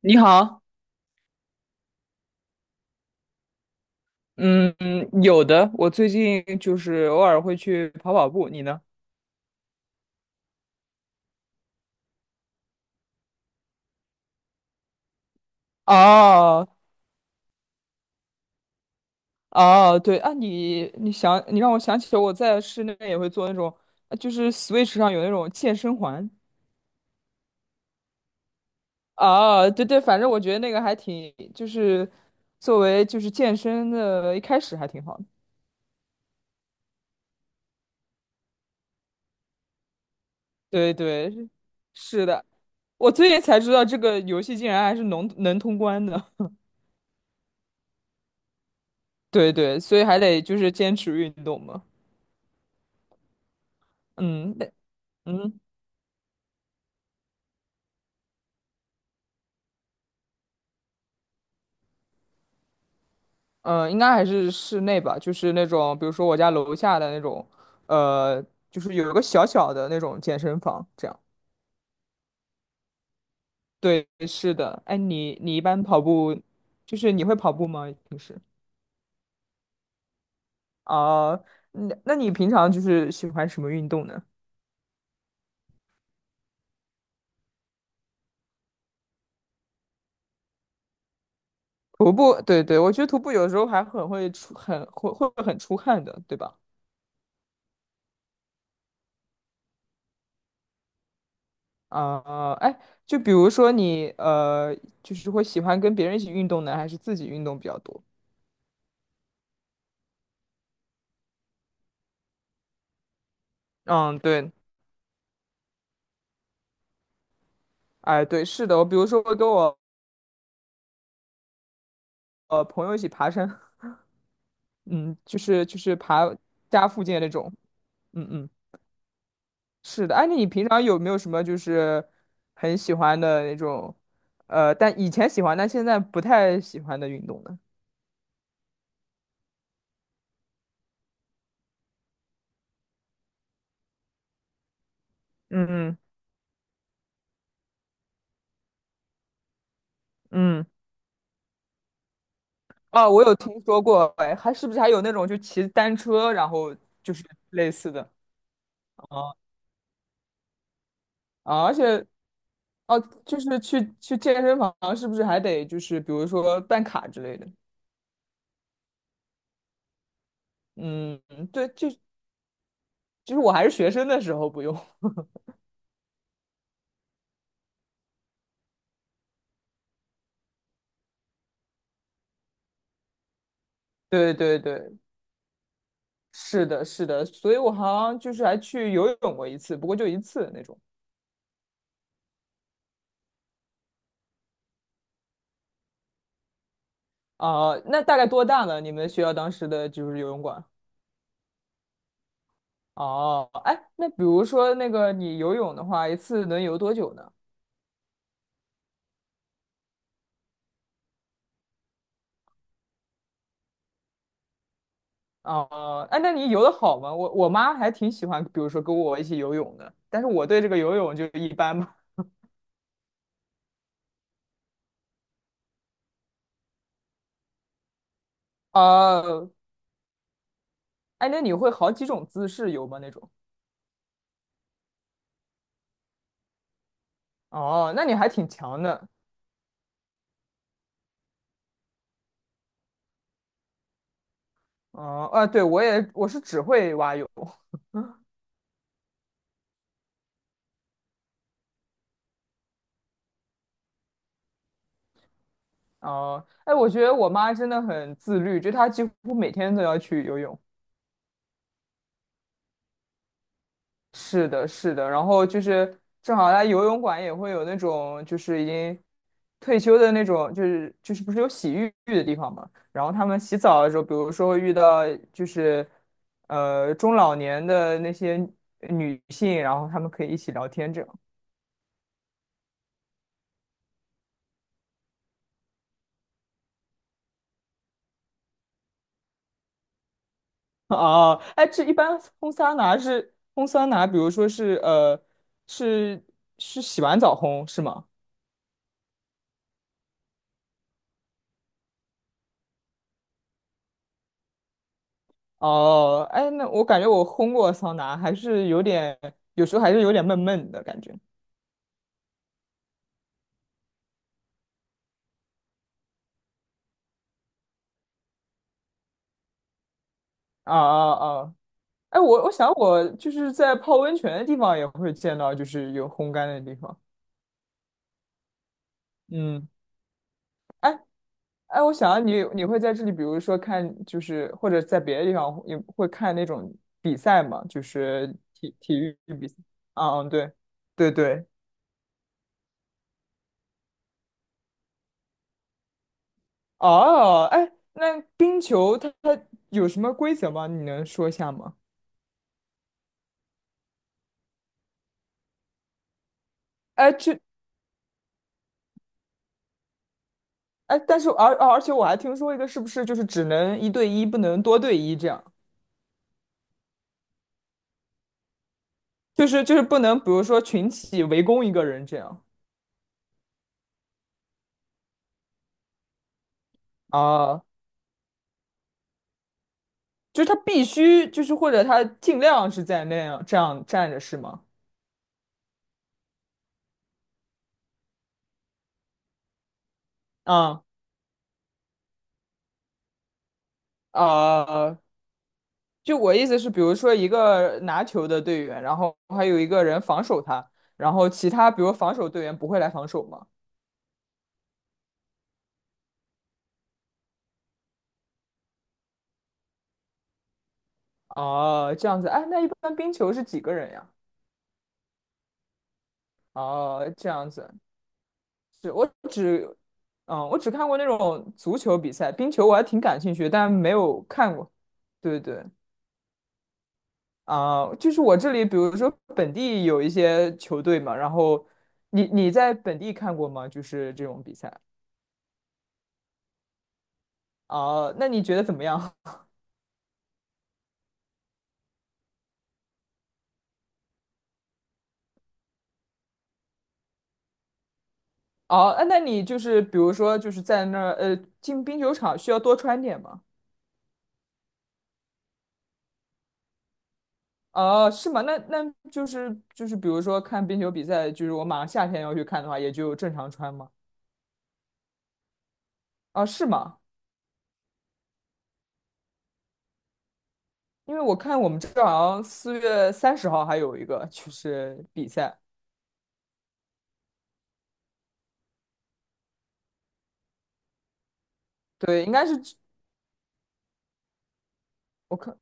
你好，嗯，有的，我最近就是偶尔会去跑跑步，你呢？哦哦，对啊，你想，你让我想起了我在室内也会做那种，就是 Switch 上有那种健身环。啊，对对，反正我觉得那个还挺，就是作为就是健身的一开始还挺好的。对对，是的，我最近才知道这个游戏竟然还是能通关的。对对，所以还得就是坚持运动嘛。嗯那嗯。嗯，应该还是室内吧，就是那种，比如说我家楼下的那种，呃，就是有一个小小的那种健身房，这样。对，是的。哎，你一般跑步，就是你会跑步吗？平时？啊，那你平常就是喜欢什么运动呢？徒步，对对，我觉得徒步有时候还很会很出汗的，对吧？啊、哎，就比如说你就是会喜欢跟别人一起运动呢，还是自己运动比较多？嗯，对。哎，对，是的，我比如说我跟我朋友一起爬山，嗯，就是爬家附近的那种，嗯嗯，是的。哎，那你平常有没有什么就是很喜欢的那种，但以前喜欢，但现在不太喜欢的运动呢？嗯嗯，嗯。哦，我有听说过，哎，还是不是还有那种就骑单车，然后就是类似的，哦，啊，而且哦，就是去健身房，是不是还得就是比如说办卡之类的？嗯，对，就是我还是学生的时候不用。对对对，是的，是的，所以我好像就是还去游泳过一次，不过就一次那种。啊、那大概多大呢？你们学校当时的就是游泳馆？哦，哎，那比如说那个你游泳的话，一次能游多久呢？哦，哎，那你游的好吗？我妈还挺喜欢，比如说跟我一起游泳的，但是我对这个游泳就一般吧。哦，哎，那你会好几种姿势游吗？那种？哦，那你还挺强的。哦，啊，对，我是只会蛙泳。哦，哎，我觉得我妈真的很自律，就她几乎每天都要去游泳。是的，是的。然后就是正好她游泳馆也会有那种就是已经退休的那种，就是不是有洗浴的地方嘛？然后他们洗澡的时候，比如说会遇到就是中老年的那些女性，然后他们可以一起聊天这样。哦，哎，这一般烘桑拿是烘桑拿，比如说是是是洗完澡烘是吗？哦，哎，那我感觉我烘过桑拿，还是有点，有时候还是有点闷闷的感觉。啊啊啊！哎，我想我就是在泡温泉的地方也会见到，就是有烘干的地方。嗯。哎，我想啊你会在这里，比如说看，就是或者在别的地方也会看那种比赛嘛，就是体育比赛。啊嗯，对，对对。哦，哎，那冰球它有什么规则吗？你能说一下吗？哎，但是而且我还听说一个，是不是就是只能一对一，不能多对一这样？就是不能，比如说群体围攻一个人这样。啊，就是他必须就是或者他尽量是在那样这样站着是吗？啊。啊，就我意思是，比如说一个拿球的队员，然后还有一个人防守他，然后其他比如防守队员不会来防守吗？哦，这样子，哎，那一般冰球是几个人呀？哦，这样子，是我只，我只看过那种足球比赛，冰球我还挺感兴趣，但没有看过。对对，啊、就是我这里，比如说本地有一些球队嘛，然后你在本地看过吗？就是这种比赛。啊？那你觉得怎么样？哦，啊那你就是比如说就是在那儿进冰球场需要多穿点吗？哦，是吗？那就是比如说看冰球比赛，就是我马上夏天要去看的话，也就正常穿吗？啊，是吗？因为我看我们这儿好像四月三十号还有一个就是比赛，对，应该是我看，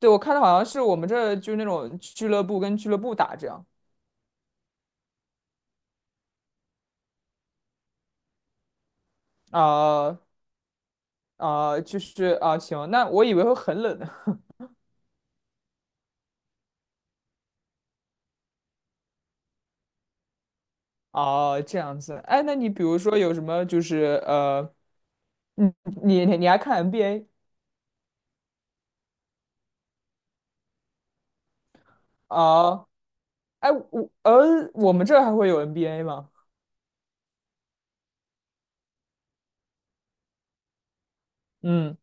对我看的好像是我们这儿就是那种俱乐部跟俱乐部打这样，啊、啊、就是啊、行，那我以为会很冷呢。哦，这样子。哎，那你比如说有什么就是你你还看 NBA？ 哦，哎，我们这儿还会有 NBA 吗？嗯，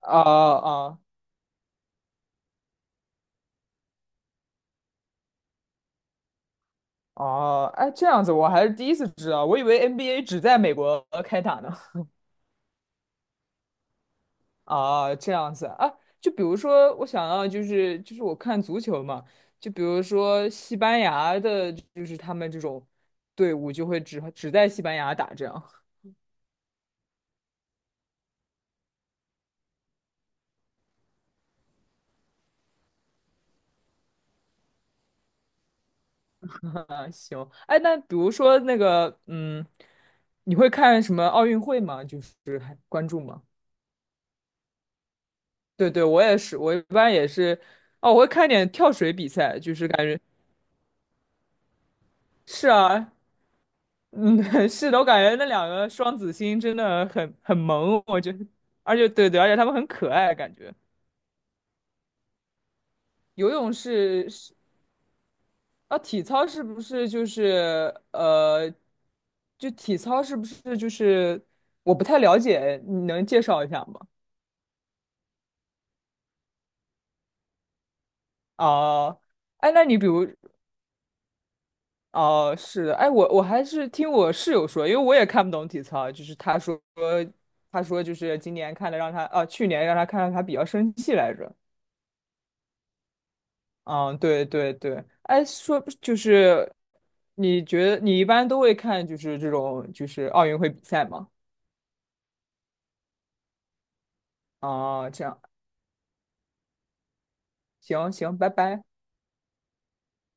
啊啊啊，哎，这样子我还是第一次知道，我以为 NBA 只在美国开打呢。啊，这样子啊，就比如说，我想要就是我看足球嘛，就比如说西班牙的，就是他们这种队伍就会只在西班牙打这样。行，哎，那比如说那个，嗯，你会看什么奥运会吗？就是还关注吗？对对，我也是，我一般也是，哦，我会看点跳水比赛，就是感觉是啊，嗯，是的，我感觉那两个双子星真的很萌，我觉得，而且对对，而且他们很可爱，感觉游泳是啊，体操是不是就是就体操是不是就是我不太了解，你能介绍一下吗？哦，哎，那你比如，哦，是的，哎，我还是听我室友说，因为我也看不懂体操，就是他说就是今年看的让他，啊，去年让他看到他比较生气来着。嗯，对对对，哎，说就是你觉得你一般都会看就是这种就是奥运会比赛吗？啊，这样，行行，拜拜。